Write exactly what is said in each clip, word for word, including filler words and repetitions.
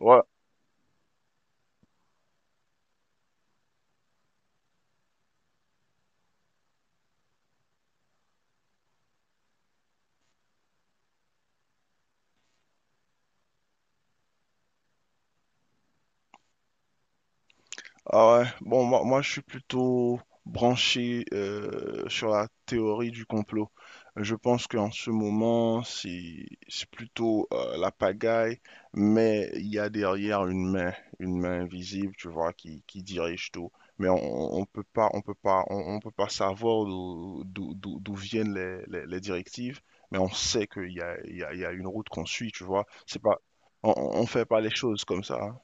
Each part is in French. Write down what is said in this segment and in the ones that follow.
Ouais, ah ouais. Bon, moi, moi, je suis plutôt branché euh, sur la théorie du complot. Je pense qu'en ce moment, c'est c'est plutôt euh, la pagaille, mais il y a derrière une main, une main invisible, tu vois, qui, qui dirige tout. Mais on, on peut pas, on peut pas, on, on peut pas savoir d'où d'où- d'où- d'où viennent les, les- les directives, mais on sait qu'il y a, il y a, il y a une route qu'on suit, tu vois. C'est pas, on, on on fait pas les choses comme ça.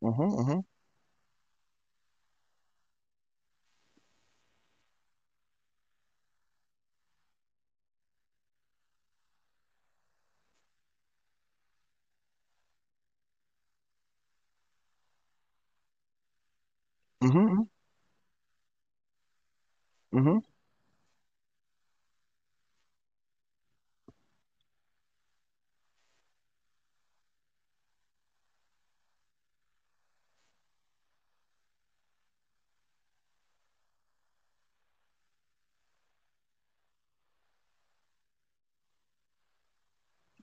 Mhm, mhm, mhm, mhm. Mhm.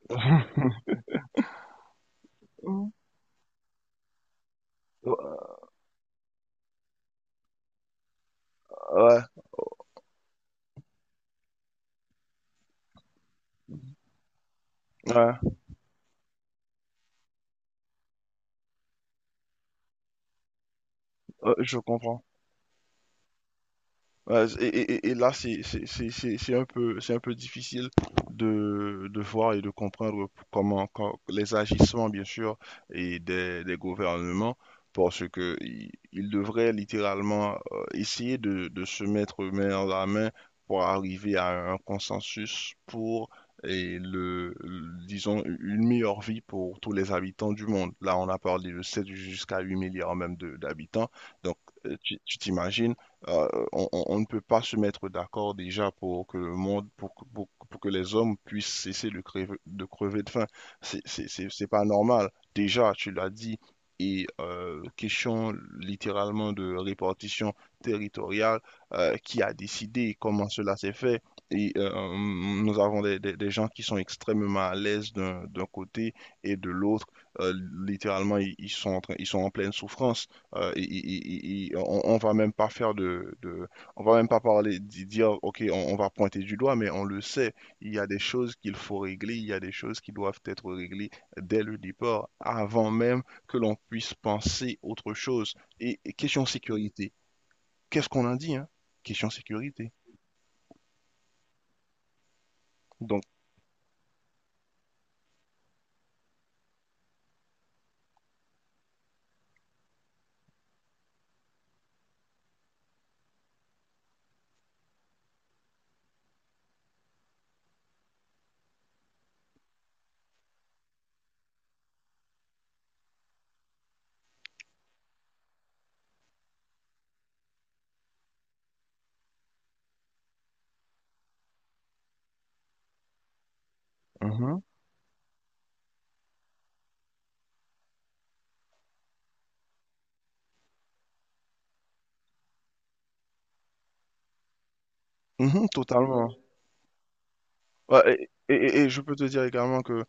Ouais, ouais, ouais, je comprends. Ouais, et, et- et là, c'est c'est- c'est- c'est- c'est un peu, c'est un peu difficile de, de voir et de comprendre comment, quand- les agissements, bien sûr, et des, des gouvernements, parce que i- ils devraient littéralement euh, essayer de, de se mettre main dans la main pour arriver à un consensus pour, et le, le- disons, une meilleure vie pour tous les habitants du monde. Là, on a parlé de sept jusqu'à huit milliards même de- d'habitants. Donc, euh, tu tu t'imagines euh, on, on- on ne peut pas se mettre d'accord déjà pour que le monde, pour, que- pour, pour que les hommes puissent cesser de crever, de crever de faim. C'est c'est- c'est- c'est pas normal. Déjà, tu l'as dit, et euh, question littéralement de répartition territoriale, euh, qui a décidé comment cela s'est fait. Et euh, nous avons des, des- des gens qui sont extrêmement à l'aise d'un d'un côté et de l'autre. Euh, littéralement, ils, ils sont en train- ils sont en pleine souffrance. Euh, il- il- il- il- on, on va même pas faire de, de- on va même pas parler, di- dire, ok, on, on va pointer du doigt, mais on le sait. Il y a des choses qu'il faut régler, il y a des choses qui doivent être réglées dès le départ, avant même que l'on puisse penser autre chose. Et, et question sécurité, qu'est-ce qu'on a dit, hein? Question sécurité. Donc, mhm, mhm, totalement. Ouais, et, et- et- et je peux te dire également que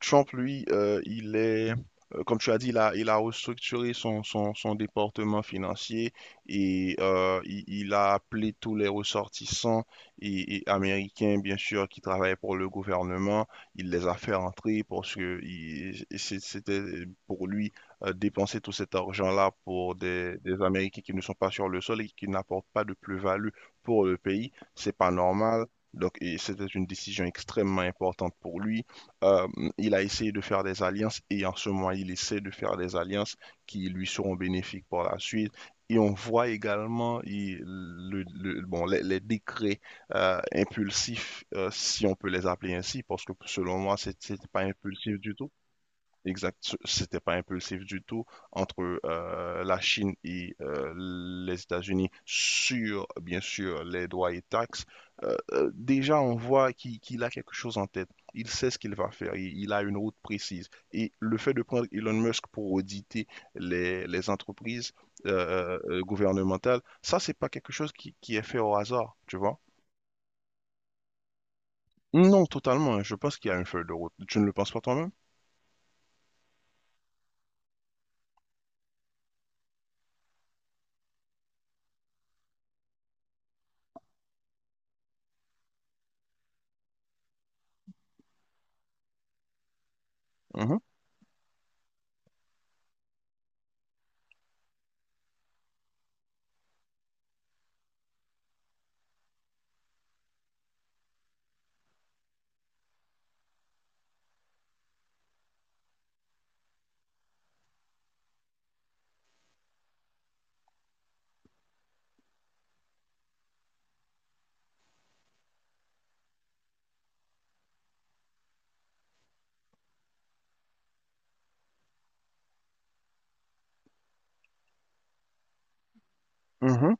Trump, lui, euh, il est, euh, comme tu as dit, il a, il a restructuré son, son, son département financier et euh, il, il a appelé tous les ressortissants et, et américains, bien sûr, qui travaillaient pour le gouvernement. Il les a fait rentrer parce que il- c'est- c'était pour lui euh, dépenser tout cet argent-là pour des, des Américains qui ne sont pas sur le sol et qui n'apportent pas de plus-value pour le pays. C'est pas normal. Donc, c'était une décision extrêmement importante pour lui. Euh, il a essayé de faire des alliances et en ce moment, il essaie de faire des alliances qui lui seront bénéfiques par la suite. Et on voit également il- le- le- bon, les, les décrets euh, impulsifs, euh, si on peut les appeler ainsi, parce que selon moi, c'est- c'était pas impulsif du tout. Exact, c'était pas impulsif du tout entre euh, la Chine et euh, les États-Unis sur, bien sûr, les droits et taxes. Euh, euh, déjà, on voit qu'il qu'il a quelque chose en tête. Il sait ce qu'il va faire. Il, il a une route précise. Et le fait de prendre Elon Musk pour auditer les, les entreprises euh, euh, euh, gouvernementales, ça, c'est pas quelque chose qui, qui est fait au hasard, tu vois? Non, totalement. Je pense qu'il y a une feuille de route. Tu ne le penses pas toi-même? Mhm, mhm.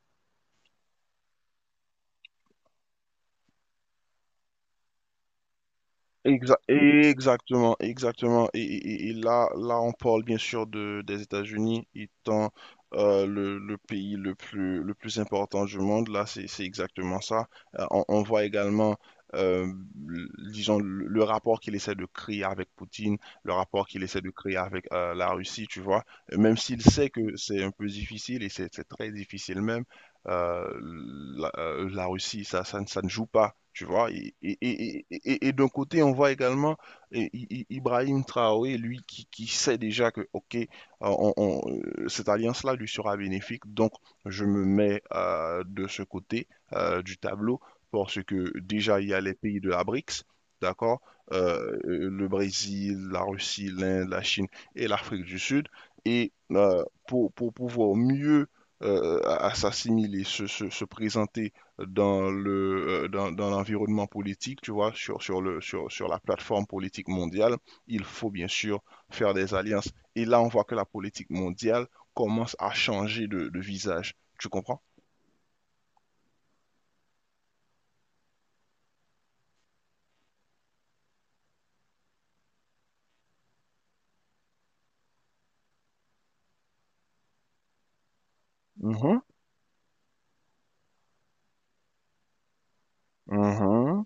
Exa- exactement, exactement. Et, et- et- là, là, on parle bien sûr de, des États-Unis étant euh, le, le pays le plus, le plus important du monde. Là, c'est, c'est exactement ça. Euh, on, on voit également, euh, l- disons, le, le rapport qu'il essaie de créer avec Poutine, le rapport qu'il essaie de créer avec euh, la Russie, tu vois. Même s'il sait que c'est un peu difficile, et c'est c'est très difficile même, euh, la, euh, la Russie, ça, ça, ne ça ne joue pas, tu vois. Et, et, et, et- et et d'un côté, on voit également eh, I- I- Ibrahim Traoré, lui, qui, qui sait déjà que, OK, euh, on- on- euh, cette alliance-là lui sera bénéfique, donc je me mets euh, de ce côté euh, du tableau, parce que déjà, il y a les pays de la BRICS, d'accord? Euh, euh, le Brésil, la Russie, l'Inde, la Chine et l'Afrique du Sud. Et euh, pour, pour pouvoir mieux euh, à, à s'assimiler, se, se- se présenter dans le, euh, dans, dans l'environnement politique, tu vois, sur, sur le, sur, sur la plateforme politique mondiale, il faut bien sûr faire des alliances. Et là, on voit que la politique mondiale commence à changer de, de visage. Tu comprends? Mhm, mhm,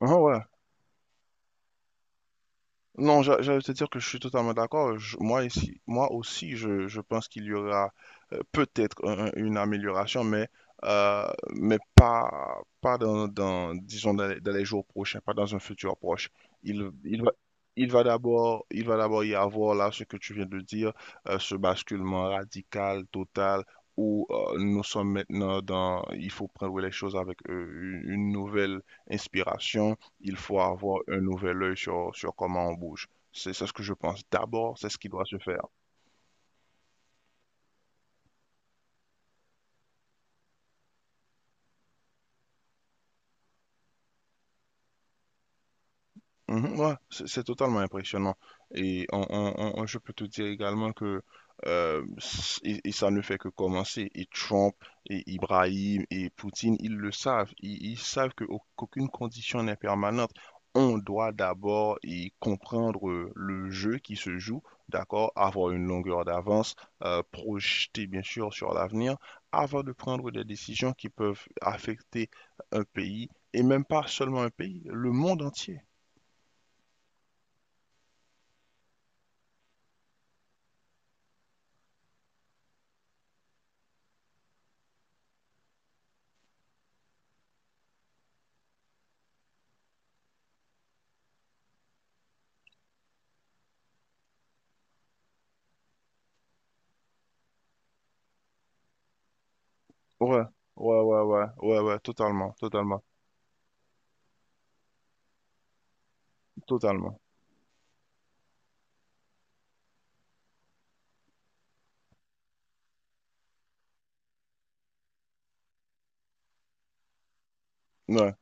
mhm, ouais. Non, j'a- j'allais te dire que je suis totalement d'accord. Je- Moi ici, moi aussi, je, je pense qu'il y aura euh, peut-être un- un- une amélioration, mais euh, mais pas pas dans, dans- disons dans les, dans les jours prochains, pas dans un futur proche. Il il va il va d'abord il va d'abord y avoir là ce que tu viens de dire, euh, ce basculement radical, total. Où euh, nous sommes maintenant dans, il faut prendre les choses avec euh, une une nouvelle inspiration, il faut avoir un nouvel œil sur, sur comment on bouge. C'est c'est ce que je pense. D'abord, c'est ce qui doit se faire. Mhm, ouais, c'est c'est totalement impressionnant. Et on, on- on- on- je peux te dire également que euh, s- et, et ça ne fait que commencer. Et Trump, et Ibrahim, et Poutine, ils le savent. Ils, ils savent que au- qu'aucune condition n'est permanente. On doit d'abord y comprendre euh, le jeu qui se joue, d'accord, avoir une longueur d'avance, euh, projeter bien sûr sur l'avenir, avant de prendre des décisions qui peuvent affecter un pays, et même pas seulement un pays, le monde entier. Ouais, ouais, ouais, ouais, ouais, ouais, totalement, totalement, totalement. Ouais.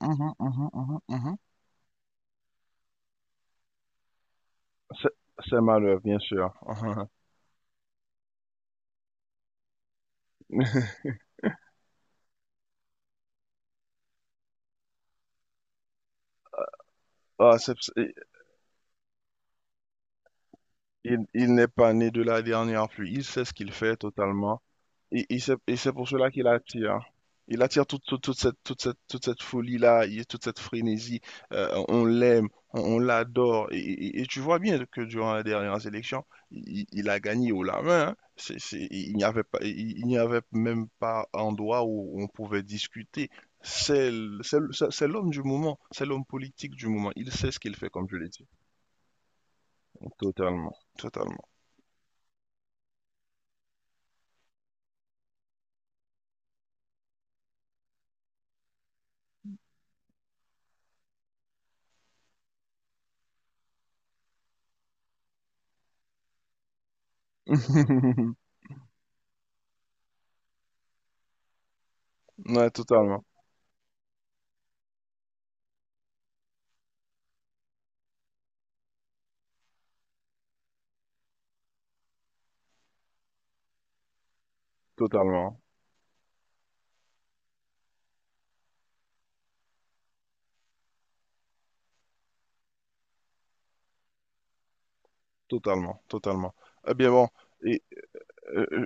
Mhm, mhm, mhm, mhm. C'est c'est malheur, bien sûr. Ah, c'est- c'est- il il n'est pas né de la dernière pluie. Il sait ce qu'il fait totalement. Et, et c'est et c'est pour cela qu'il attire. Hein. Il attire toute, toute, toute cette, toute cette, toute cette folie-là, il- toute cette frénésie. Euh, on l'aime, on, on l'adore. Et, et- et tu vois bien que durant la dernière élection, il, il a gagné haut la main. Hein. C'est- c'est- il n'y avait pas, il, il n'y avait même pas endroit où on pouvait discuter. C'est l- c'est l- c'est- c'est l'homme du moment, c'est l'homme politique du moment. Il sait ce qu'il fait, comme je l'ai dit. Totalement, totalement. Ouais, totalement, totalement. Totalement, totalement. Eh bien bon, et euh, euh,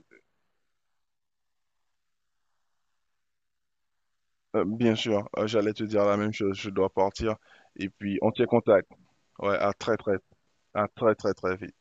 euh, bien sûr, euh, j'allais te dire la même chose, je dois partir. Et puis on tient contact. Ouais, à très très, à très très très vite.